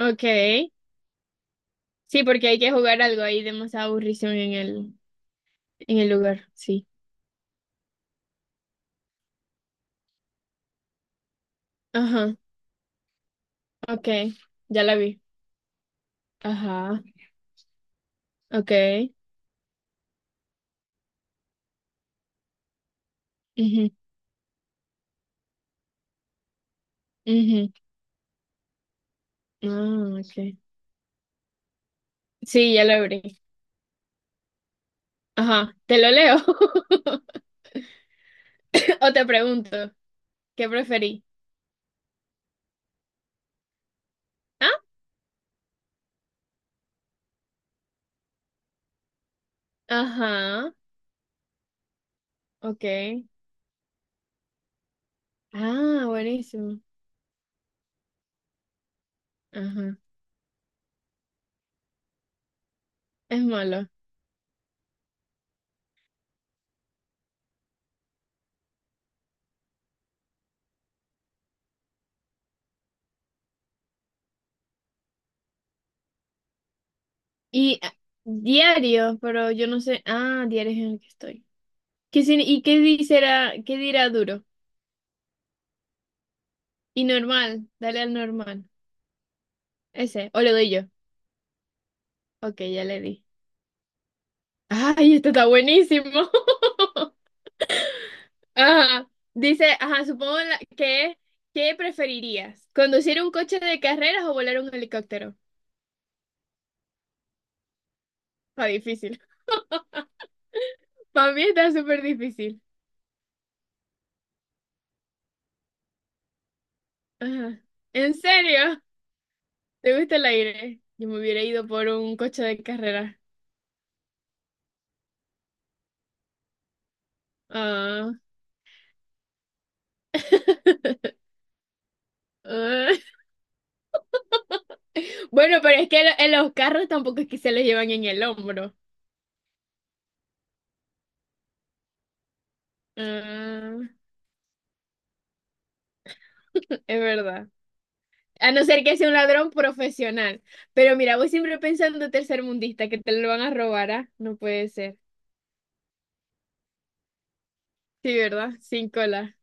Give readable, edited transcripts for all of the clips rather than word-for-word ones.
Ok. Sí, porque hay que jugar algo ahí de más aburrición en en el lugar. Sí. Ajá. Ok. Ya la vi. Ajá. Ok. Ujú, ujú. Ah, ok. Sí, ya lo abrí. Ajá. ¿Te lo leo? O te pregunto. ¿Qué preferí? ¿Ah? Ajá. Ok. Ah, buenísimo. Ajá. Es malo. Y ah, Diario, pero yo no sé. Ah, diario es en el que estoy. ¿Qué, sin- ¿Y qué dice, qué dirá duro? Y normal, dale al normal. Ese, o le doy yo. Ok, ya le di. Ay, esto está buenísimo. Ajá. Dice, ajá, ¿qué preferirías? ¿Conducir un coche de carreras o volar un helicóptero? Está difícil. Para mí está súper difícil. Ajá. ¿En serio? ¿Te gusta el aire? Yo me hubiera ido por un coche de carreras. Ah, ah. Bueno, pero es en los carros tampoco es que se los llevan en el hombro. Ah, es verdad. A no ser que sea un ladrón profesional. Pero mira, voy siempre pensando tercermundista, que te lo van a robar, ¿ah? No puede ser. Sí, ¿verdad? Sin cola.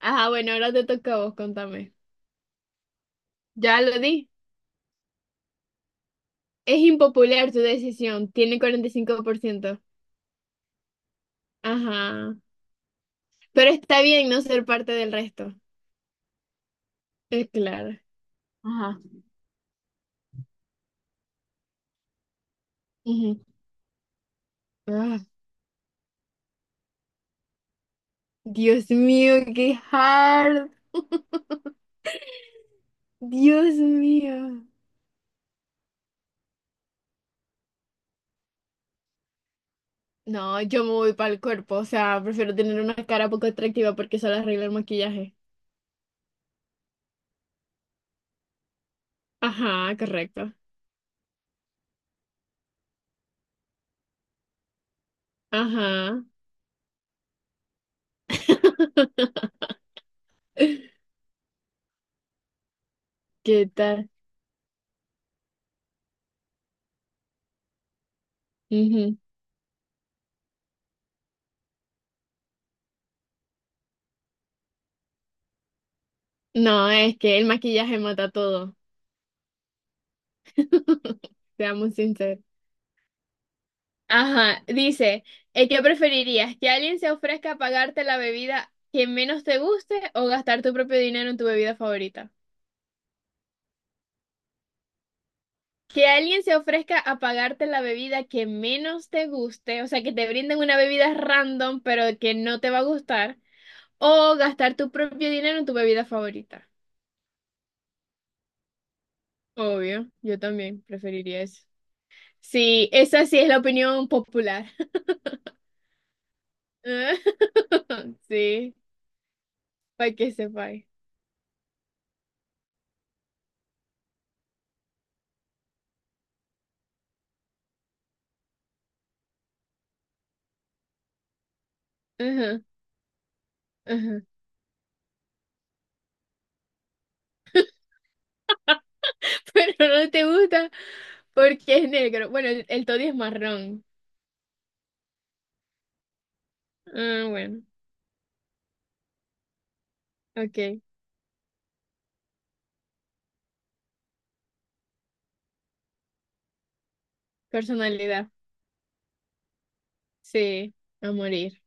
Ajá, bueno, ahora te toca a vos, contame. Ya lo di. Es impopular tu decisión, tiene 45%. Ajá. Pero está bien no ser parte del resto. Es claro. Ajá. Ujú. Ah, Dios mío, qué hard. Dios mío. No, yo me voy para el cuerpo, o sea, prefiero tener una cara poco atractiva porque solo arregla el maquillaje. Ajá, correcto. Ajá. ¿Qué tal? Ujú. No, es que el maquillaje mata todo, seamos sinceros. Ajá, dice, ¿qué preferirías? ¿Que alguien se ofrezca a pagarte la bebida que menos te guste o gastar tu propio dinero en tu bebida favorita? Que alguien se ofrezca a pagarte la bebida que menos te guste, o sea, que te brinden una bebida random, pero que no te va a gustar, o gastar tu propio dinero en tu bebida favorita. Obvio, yo también preferiría eso. Sí, esa sí es la opinión popular. Sí, para que sepáis. Ajá, ajá. Pero no te gusta porque es negro. Bueno, el Toddy es marrón. Ah, bueno, ok. Personalidad. Sí, a morir.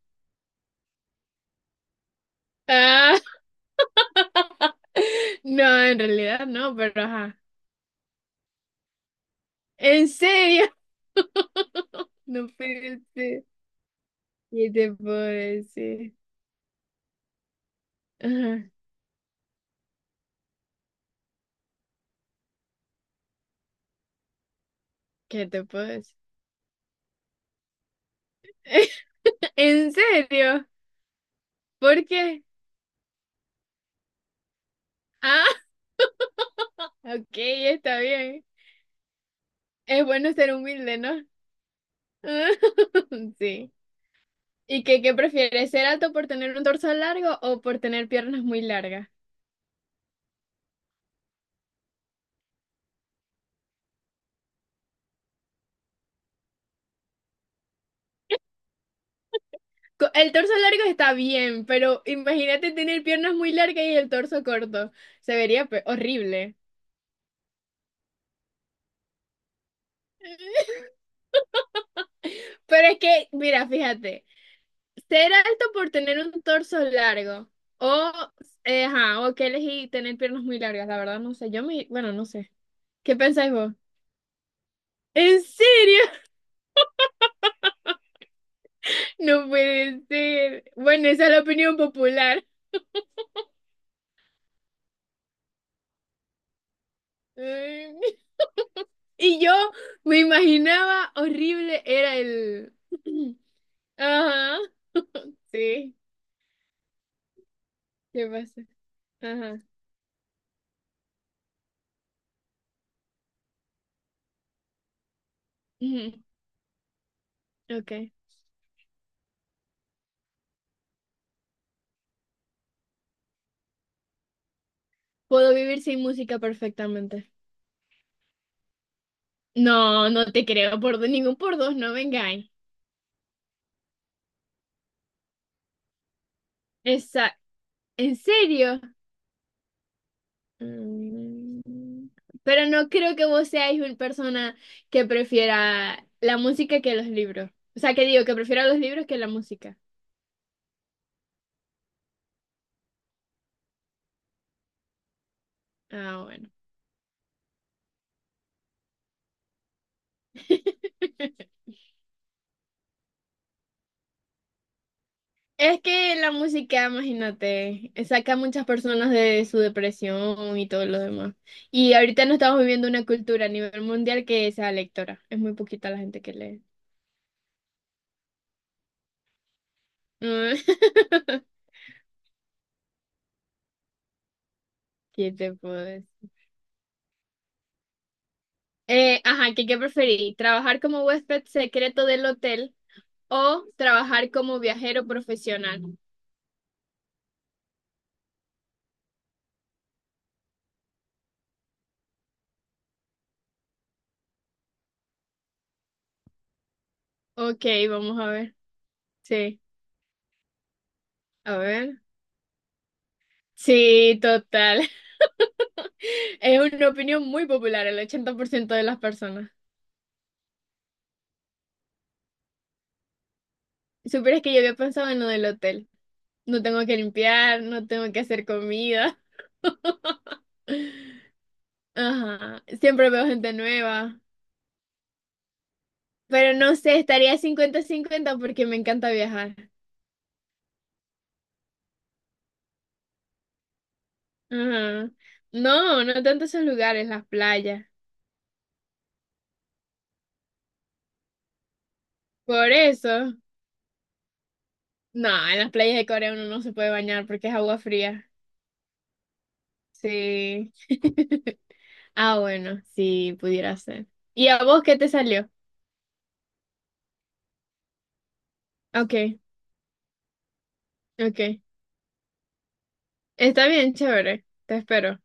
Ah. No, en realidad no, pero ajá. ¿En serio? No puede ser. ¿Qué te puedo decir? Ajá, ¿qué te puedo decir? ¿En serio? ¿Por qué? Ah, ok, está bien. Es bueno ser humilde, ¿no? Sí. ¿Y qué, qué prefieres? ¿Ser alto por tener un torso largo o por tener piernas muy largas? El torso largo está bien, pero imagínate tener piernas muy largas y el torso corto. Horrible. Pero es que, mira, fíjate, ser alto por tener un torso largo o, ajá, o que elegí tener piernas muy largas, la verdad no sé, yo me, bueno, no sé. ¿Qué pensáis vos? ¿En serio? No puede ser. Bueno, esa es la opinión popular. Ay, y yo me imaginaba horrible era el... Ajá, sí, ¿qué pasa? Ajá, ujú, ok. Puedo vivir sin música perfectamente. No, no te creo por dos, ningún por dos, no vengáis. Esa, ¿en serio? Mm. Pero no creo que vos seáis una persona que prefiera la música que los libros. O sea, que digo, que prefiera los libros que la música. Ah, bueno. Es que la música, imagínate, saca a muchas personas de su depresión y todo lo demás. Y ahorita no estamos viviendo una cultura a nivel mundial que sea lectora. Es muy poquita la gente que lee. Mm. ¿Qué te puedo decir? Ajá, ¿qué preferí? ¿Trabajar como huésped secreto del hotel o trabajar como viajero profesional? Ok, vamos a ver. Sí, a ver. Sí, total. Es una opinión muy popular, el 80% de las personas. Supieras que yo había pensado en lo del hotel. No tengo que limpiar, no tengo que hacer comida. Ajá, siempre veo gente nueva. Pero no sé, estaría 50-50 porque me encanta viajar. Ajá. No, no tanto esos lugares, las playas. Por eso, no, en las playas de Corea uno no se puede bañar porque es agua fría. Sí. Ah, bueno, sí, pudiera ser. ¿Y a vos qué te salió? Ok, ok. Está bien, chévere. Te espero.